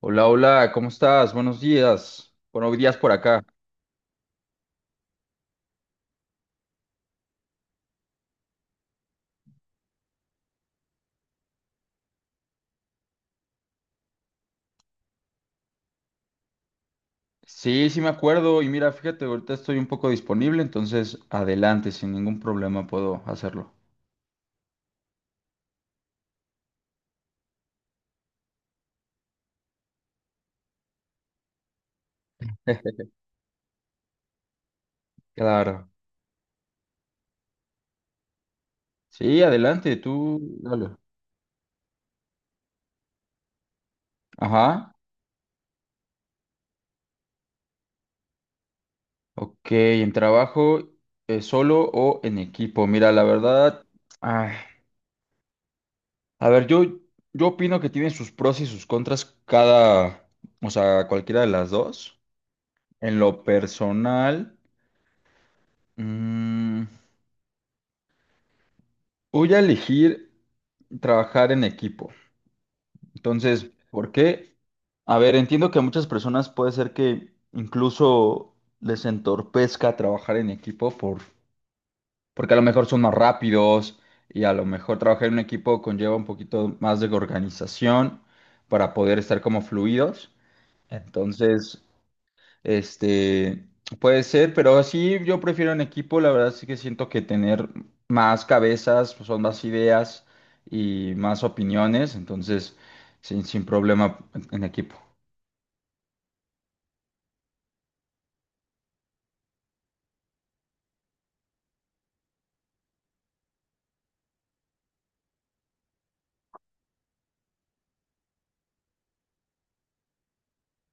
Hola, hola, ¿cómo estás? Buenos días. Buenos días por acá. Sí, sí me acuerdo y mira, fíjate, ahorita estoy un poco disponible, entonces adelante, sin ningún problema puedo hacerlo. Claro. Sí, adelante, tú dale. Ajá, ok, ¿en trabajo solo o en equipo? Mira, la verdad, ay, a ver, yo opino que tiene sus pros y sus contras cada, o sea, cualquiera de las dos. En lo personal... mm, voy a elegir trabajar en equipo. Entonces, ¿por qué? A ver, entiendo que a muchas personas puede ser que incluso les entorpezca trabajar en equipo porque a lo mejor son más rápidos y a lo mejor trabajar en un equipo conlleva un poquito más de organización para poder estar como fluidos. Entonces, este, puede ser, pero sí, yo prefiero en equipo, la verdad sí que siento que tener más cabezas, pues, son más ideas y más opiniones, entonces sin problema en equipo.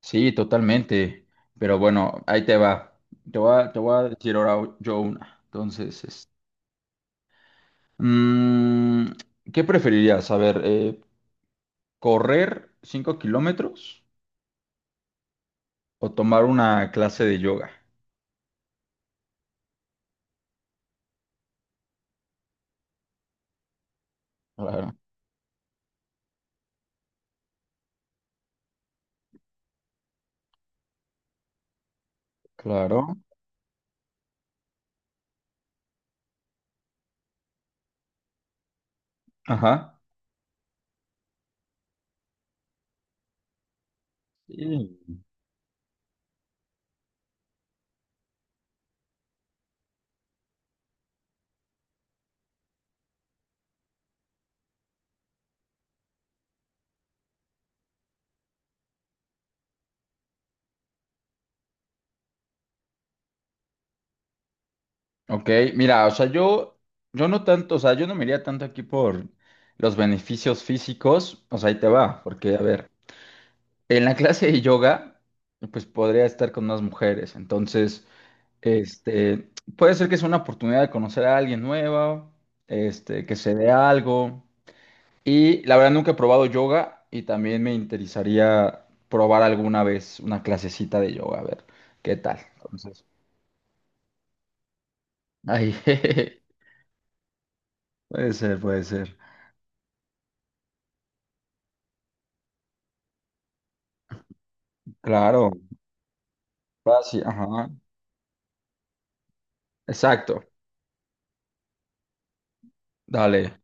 Sí, totalmente, pero bueno, ahí te va. Te voy a decir ahora yo una. Entonces, es, mm, ¿qué preferirías? A ver, ¿correr 5 kilómetros o tomar una clase de yoga? Claro, claro. Ajá. Sí. Ok, mira, o sea, yo no tanto, o sea, yo no me iría tanto aquí por los beneficios físicos, o sea, ahí te va, porque, a ver, en la clase de yoga, pues podría estar con más mujeres, entonces, este, puede ser que sea una oportunidad de conocer a alguien nueva, que se dé algo, y la verdad nunca he probado yoga y también me interesaría probar alguna vez una clasecita de yoga, a ver, ¿qué tal? Entonces, ahí, jejeje, puede ser, claro. Fácil, ajá. Exacto. Dale,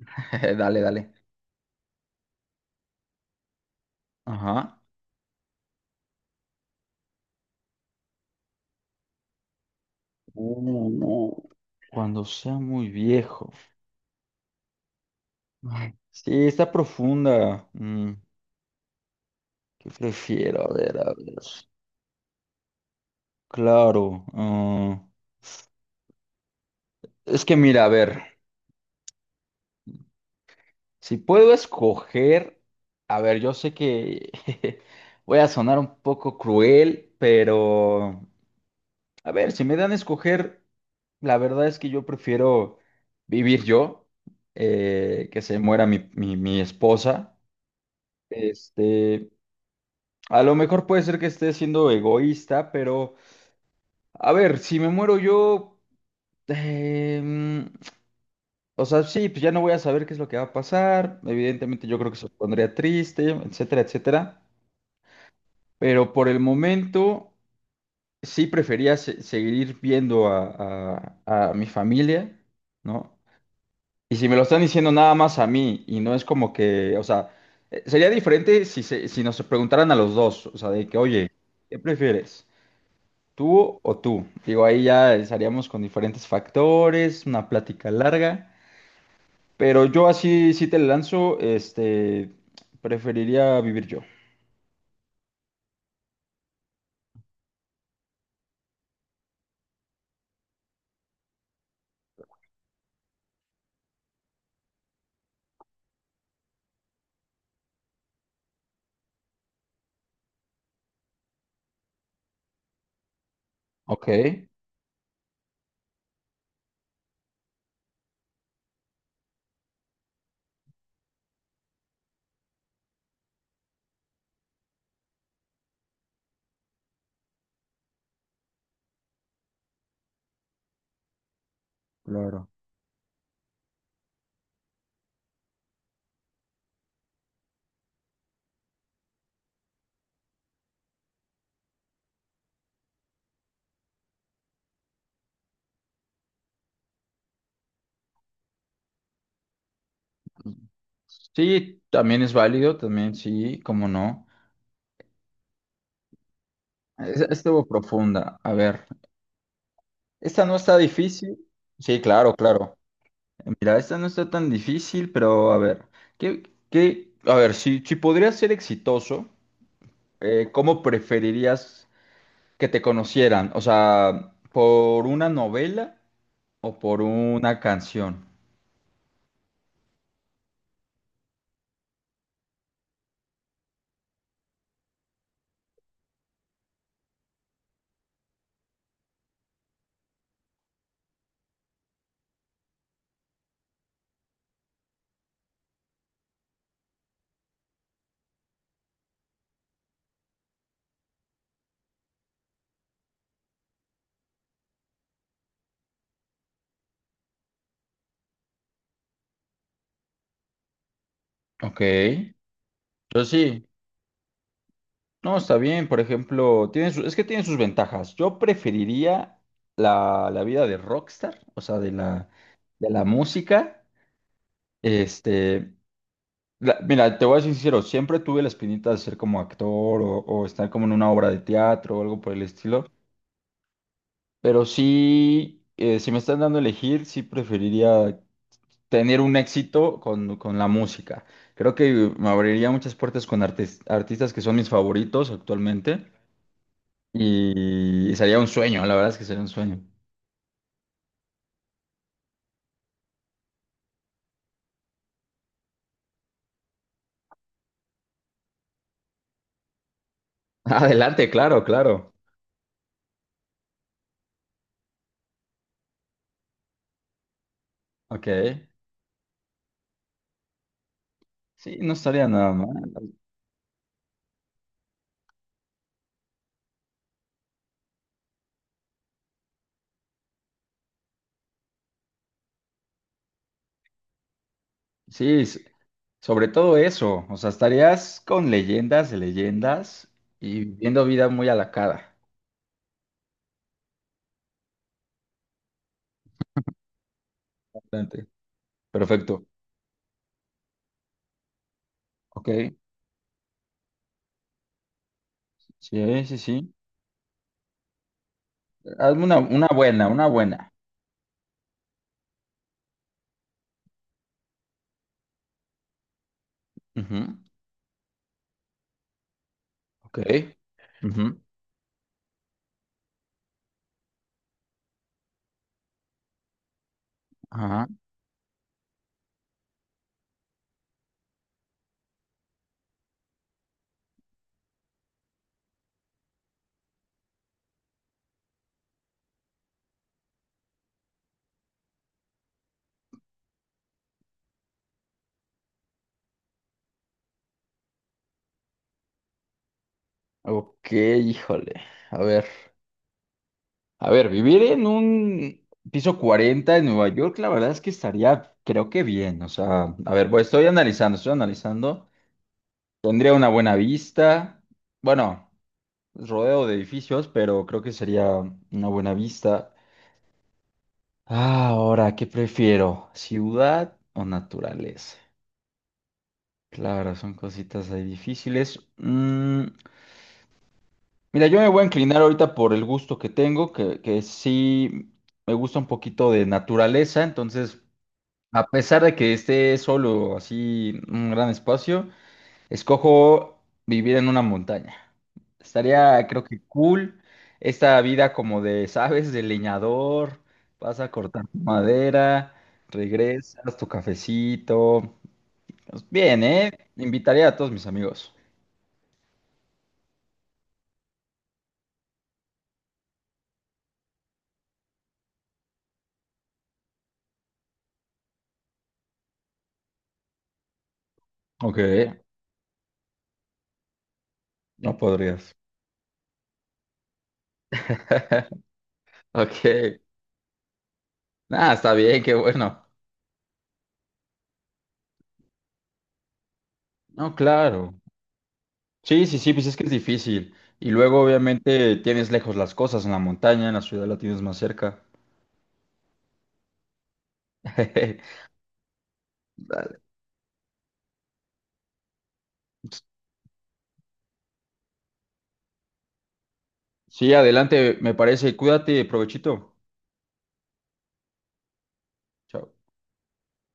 dale, dale. Ajá. Uh, no. Cuando sea muy viejo. Ay, sí, está profunda. Mm, ¿qué prefiero? A ver, a ver. Claro. Ah, es que mira, a ver, si puedo escoger, a ver, yo sé que voy a sonar un poco cruel, pero a ver, si me dan a escoger, la verdad es que yo prefiero vivir yo, que se muera mi esposa. Este, a lo mejor puede ser que esté siendo egoísta, pero a ver, si me muero yo, mm, o sea, sí, pues ya no voy a saber qué es lo que va a pasar. Evidentemente yo creo que se pondría triste, etcétera, etcétera. Pero por el momento sí prefería seguir viendo a, a mi familia, ¿no? Y si me lo están diciendo nada más a mí y no es como que, o sea, sería diferente si, si nos preguntaran a los dos, o sea, de que, oye, ¿qué prefieres? ¿Tú o tú? Digo, ahí ya estaríamos con diferentes factores, una plática larga, pero yo así, si te lanzo, preferiría vivir yo. Ok. Claro. Sí, también es válido, también sí, cómo no. Estuvo profunda. A ver, esta no está difícil. Sí, claro, claro. Mira, esta no está tan difícil, pero a ver, ¿qué, a ver, si podrías ser exitoso, ¿cómo preferirías que te conocieran? O sea, ¿por una novela o por una canción? Ok, yo sí. No, está bien, por ejemplo, es que tiene sus ventajas. Yo preferiría la vida de rockstar, o sea, de la música. Este, mira, te voy a ser sincero, siempre tuve la espinita de ser como actor o estar como en una obra de teatro o algo por el estilo, pero sí, si me están dando a elegir, sí preferiría tener un éxito con la música. Creo que me abriría muchas puertas con artistas que son mis favoritos actualmente y sería un sueño, la verdad es que sería un sueño. Adelante, claro, claro. Ok. Sí, no estaría nada mal. Sí, sobre todo eso, o sea, estarías con leyendas de leyendas y viviendo vida muy a la cara. Bastante. Perfecto, ok, sí, sí, sí. Hazme una buena, una buena. Ujú, ok, ujú, ajá, ok, híjole, a ver, a ver, vivir en un piso 40 en Nueva York, la verdad es que estaría, creo que bien, o sea, a ver, estoy analizando, tendría una buena vista, bueno. Rodeo de edificios, pero creo que sería una buena vista. Ah, ahora, ¿qué prefiero? ¿Ciudad o naturaleza? Claro, son cositas ahí difíciles. Mm, mira, yo me voy a inclinar ahorita por el gusto que tengo, que sí me gusta un poquito de naturaleza, entonces, a pesar de que esté solo así un gran espacio, escojo vivir en una montaña. Estaría, creo que cool esta vida como de, ¿sabes? De leñador, vas a cortar tu madera, regresas, tu cafecito. Pues bien, ¿eh? Invitaría a todos mis amigos. Ok, no podrías. Ok, ah está bien, qué bueno. No, claro. Sí, sí, sí, pues es que es difícil. Y luego, obviamente, tienes lejos las cosas en la montaña, en la ciudad la tienes más cerca. Dale. Sí, adelante, me parece. Cuídate, provechito. Chao.